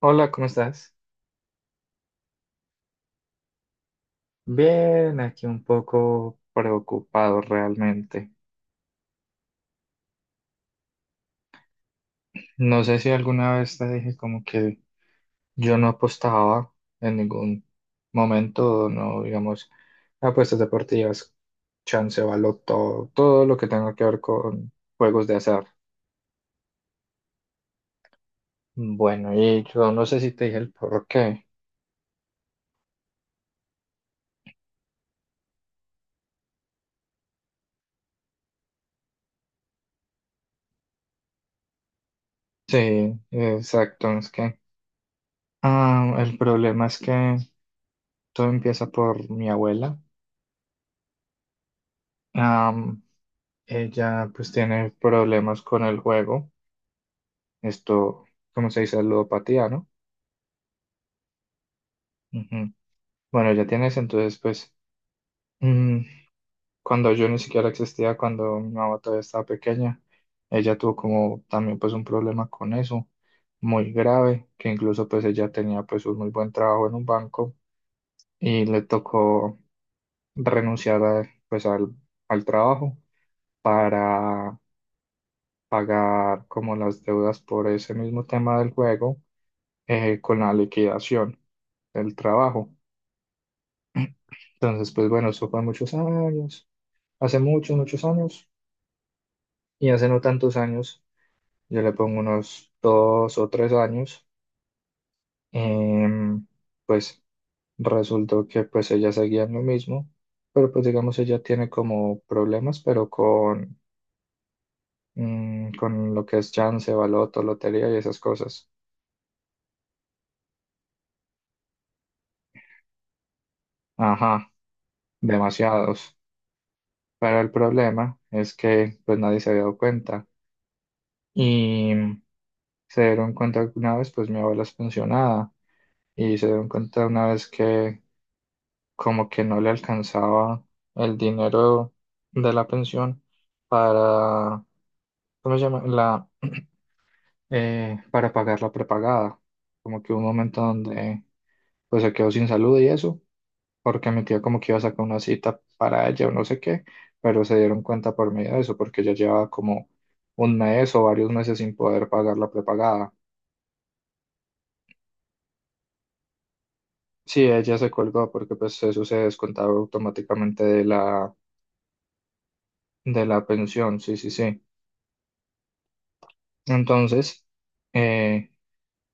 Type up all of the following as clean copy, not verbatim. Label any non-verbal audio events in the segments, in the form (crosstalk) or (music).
Hola, ¿cómo estás? Bien, aquí un poco preocupado realmente. No sé si alguna vez te dije como que yo no apostaba en ningún momento, no, digamos, apuestas deportivas, chance, baloto, todo lo que tenga que ver con juegos de azar. Bueno, y yo no sé si te dije el por qué. Sí, exacto, es que ah, el problema es que todo empieza por mi abuela. Ella pues tiene problemas con el juego, esto, ¿como se dice? Ludopatía, ¿no? Ujú. Bueno, ya tienes, entonces pues mm, cuando yo ni siquiera existía, cuando mi mamá todavía estaba pequeña, ella tuvo como también pues un problema con eso, muy grave, que incluso pues ella tenía pues un muy buen trabajo en un banco y le tocó pues al trabajo para pagar como las deudas por ese mismo tema del juego, con la liquidación del trabajo. Entonces, pues bueno, eso fue muchos años, hace muchos, muchos años, y hace no tantos años, yo le pongo unos 2 o 3 años, em, pues resultó que pues ella seguía en lo mismo, pero pues digamos ella tiene como problemas, pero con lo que es chance, baloto, lotería y esas cosas. Ajá, demasiados. Pero el problema es que pues nadie se había dado cuenta. Y se dieron cuenta una vez, pues mi abuela es pensionada y se dieron cuenta una vez que como que no le alcanzaba el dinero de la pensión para, ¿cómo se llama? La, (clears throat) para pagar la prepagada. Como que hubo un momento donde pues se quedó sin salud y eso, porque mi tía como que iba a sacar una cita para ella o no sé qué, pero se dieron cuenta por medio de eso, porque ella llevaba como un mes o varios meses sin poder pagar la prepagada. Sí, ella se colgó porque pues eso se descontaba automáticamente de la pensión, sí, sí, sí. Entonces, eh,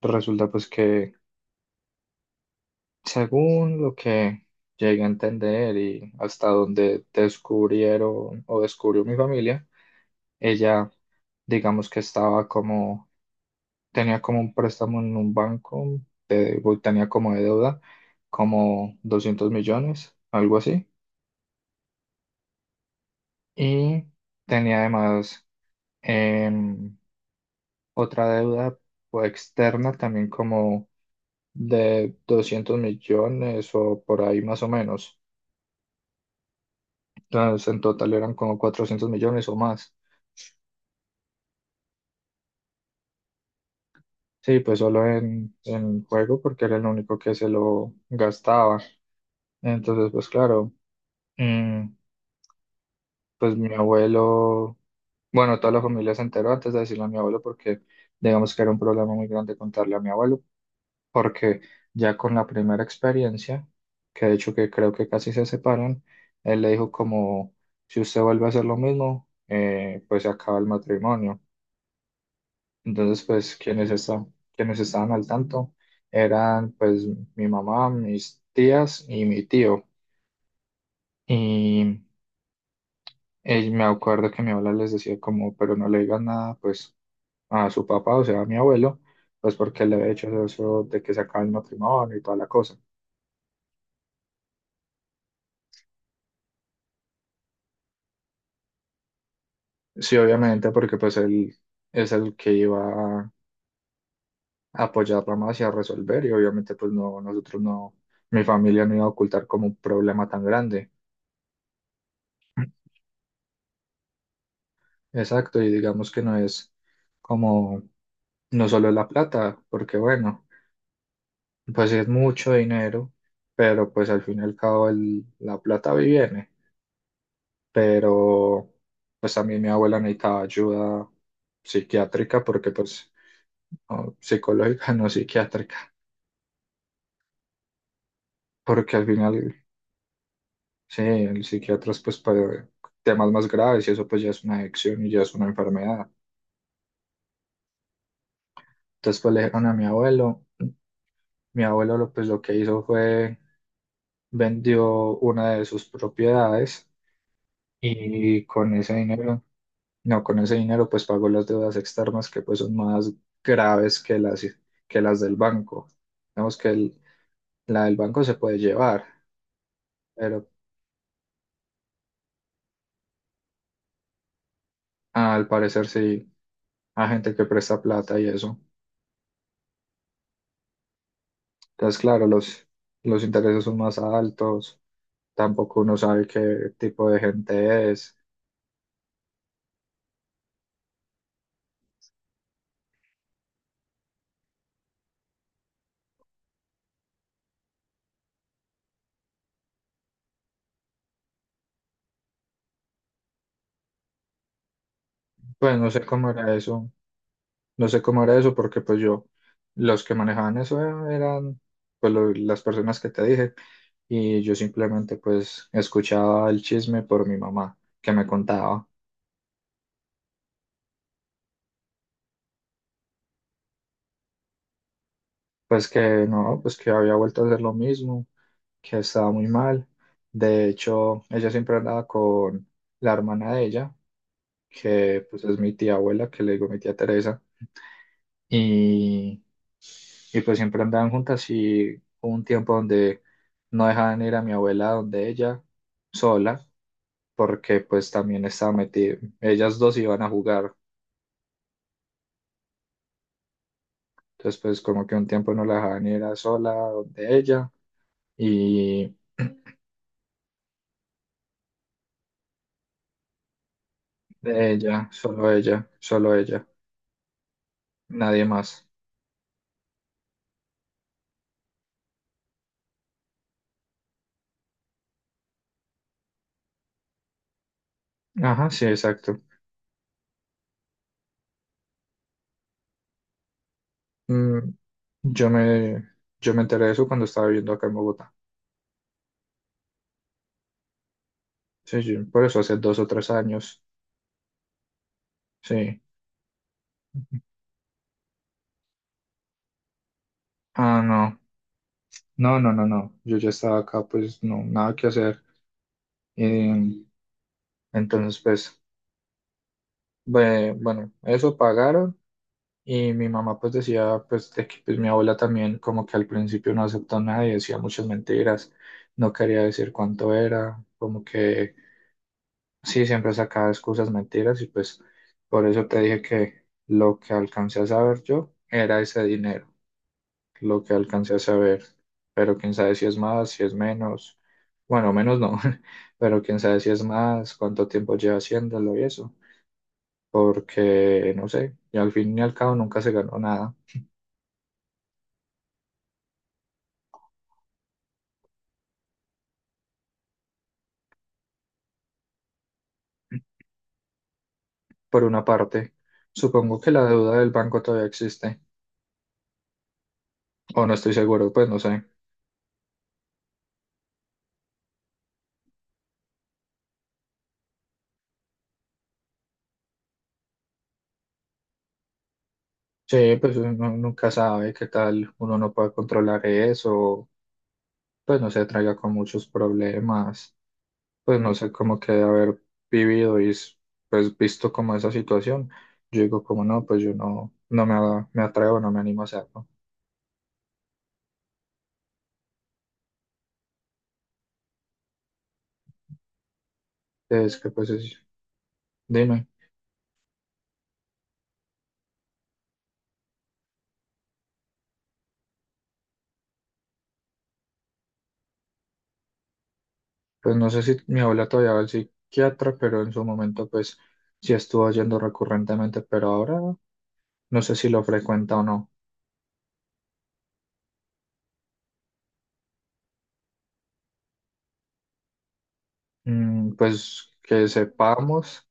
resulta pues que según lo que llegué a entender y hasta donde descubrieron o descubrió mi familia, ella digamos que estaba como, tenía como un préstamo en un banco, tenía como de deuda como 200 millones, algo así, y tenía además... em, otra deuda pues, externa también como de 200 millones o por ahí más o menos. Entonces, en total eran como 400 millones o más. Sí, pues solo en juego porque era el único que se lo gastaba. Entonces, pues claro, mm, pues mi abuelo, bueno, toda la familia se enteró antes de decirle a mi abuelo porque digamos que era un problema muy grande contarle a mi abuelo porque ya con la primera experiencia, que de hecho que creo que casi se separan, él le dijo como, si usted vuelve a hacer lo mismo, pues se acaba el matrimonio. Entonces, pues quienes estaban al tanto eran pues mi mamá, mis tías y mi tío. Y él, me acuerdo que mi abuela les decía como, pero no le digan nada pues a su papá, o sea, a mi abuelo, pues porque le había hecho eso de que se acaba el matrimonio y toda la cosa. Sí, obviamente, porque pues él es el que iba a apoyarla más y a resolver, y obviamente pues no, nosotros no, mi familia no iba a ocultar como un problema tan grande. Exacto, y digamos que no es como, no solo es la plata, porque bueno, pues sí es mucho dinero, pero pues al fin y al cabo la plata va y viene, pero pues también mi abuela necesitaba ayuda psiquiátrica, porque pues, no, psicológica, (laughs) no psiquiátrica. Porque al final, sí, el psiquiatra es pues para temas más graves y eso pues ya es una adicción y ya es una enfermedad. Entonces pues le dijeron a mi abuelo lo, pues lo que hizo fue vendió una de sus propiedades y con ese dinero, no, con ese dinero pues pagó las deudas externas que pues son más graves que las, del banco. Digamos que la del banco se puede llevar, pero al parecer sí, a gente que presta plata y eso. Entonces, claro, los intereses son más altos, tampoco uno sabe qué tipo de gente es. Pues no sé cómo era eso, no sé cómo era eso porque pues yo, los que manejaban eso eran pues las personas que te dije y yo simplemente pues escuchaba el chisme por mi mamá que me contaba pues que no, pues que había vuelto a hacer lo mismo, que estaba muy mal. De hecho, ella siempre andaba con la hermana de ella que pues es mi tía abuela, que le digo mi tía Teresa, y, y pues siempre andaban juntas y hubo un tiempo donde no dejaban ir a mi abuela donde ella sola, porque pues también estaba metida, ellas dos iban a jugar, entonces pues como que un tiempo no la dejaban ir a sola donde ella y (clears throat) de ella, solo ella, solo ella, nadie más. Ajá, sí, exacto. Mm, yo me, yo me enteré de eso cuando estaba viviendo acá en Bogotá. Sí, sí, por eso hace 2 o 3 años. Sí. Ah, no. No, no, no, no. Yo ya estaba acá, pues no, nada que hacer. Y, entonces, pues, bueno, eso pagaron. Y mi mamá, pues, decía, pues, de que pues, mi abuela también, como que al principio no aceptó nada y decía muchas mentiras. No quería decir cuánto era. Como que, sí, siempre sacaba excusas, mentiras. Y pues, por eso te dije que lo que alcancé a saber yo era ese dinero. Lo que alcancé a saber, pero quién sabe si es más, si es menos, bueno, menos no, (laughs) pero quién sabe si es más, cuánto tiempo lleva haciéndolo y eso, porque no sé, y al fin y al cabo nunca se ganó nada, por una parte. Supongo que la deuda del banco todavía existe, o no estoy seguro, pues no sé. Sí, pues uno nunca sabe qué tal uno no puede controlar eso, pues no se traiga con muchos problemas pues no sé, como que de haber vivido y pues visto como esa situación, yo digo como no, pues yo no, no me, me atrevo, no me animo a hacerlo. Es que pues dime, pues no sé si mi abuela todavía va al psiquiatra, pero en su momento pues sí estuvo yendo recurrentemente, pero ahora no sé si lo frecuenta o no. Mm, pues que sepamos,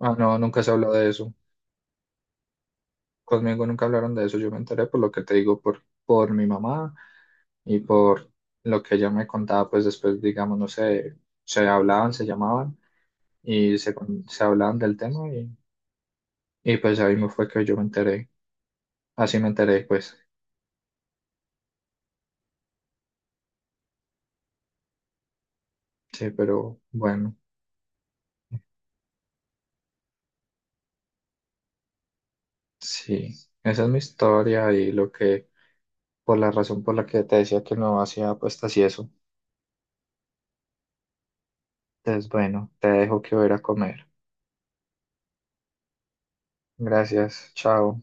ah no, nunca se habló de eso. Conmigo nunca hablaron de eso, yo me enteré por lo que te digo, por mi mamá y por lo que ella me contaba, pues después, digamos, no sé, se hablaban, se llamaban y se hablaban del tema y, pues ahí me fue que yo me enteré, así me enteré, pues sí, pero bueno, sí, esa es mi historia y lo que, por la razón por la que te decía que no hacía apuestas y eso. Entonces, bueno, te dejo que voy a ir a comer. Gracias, chao.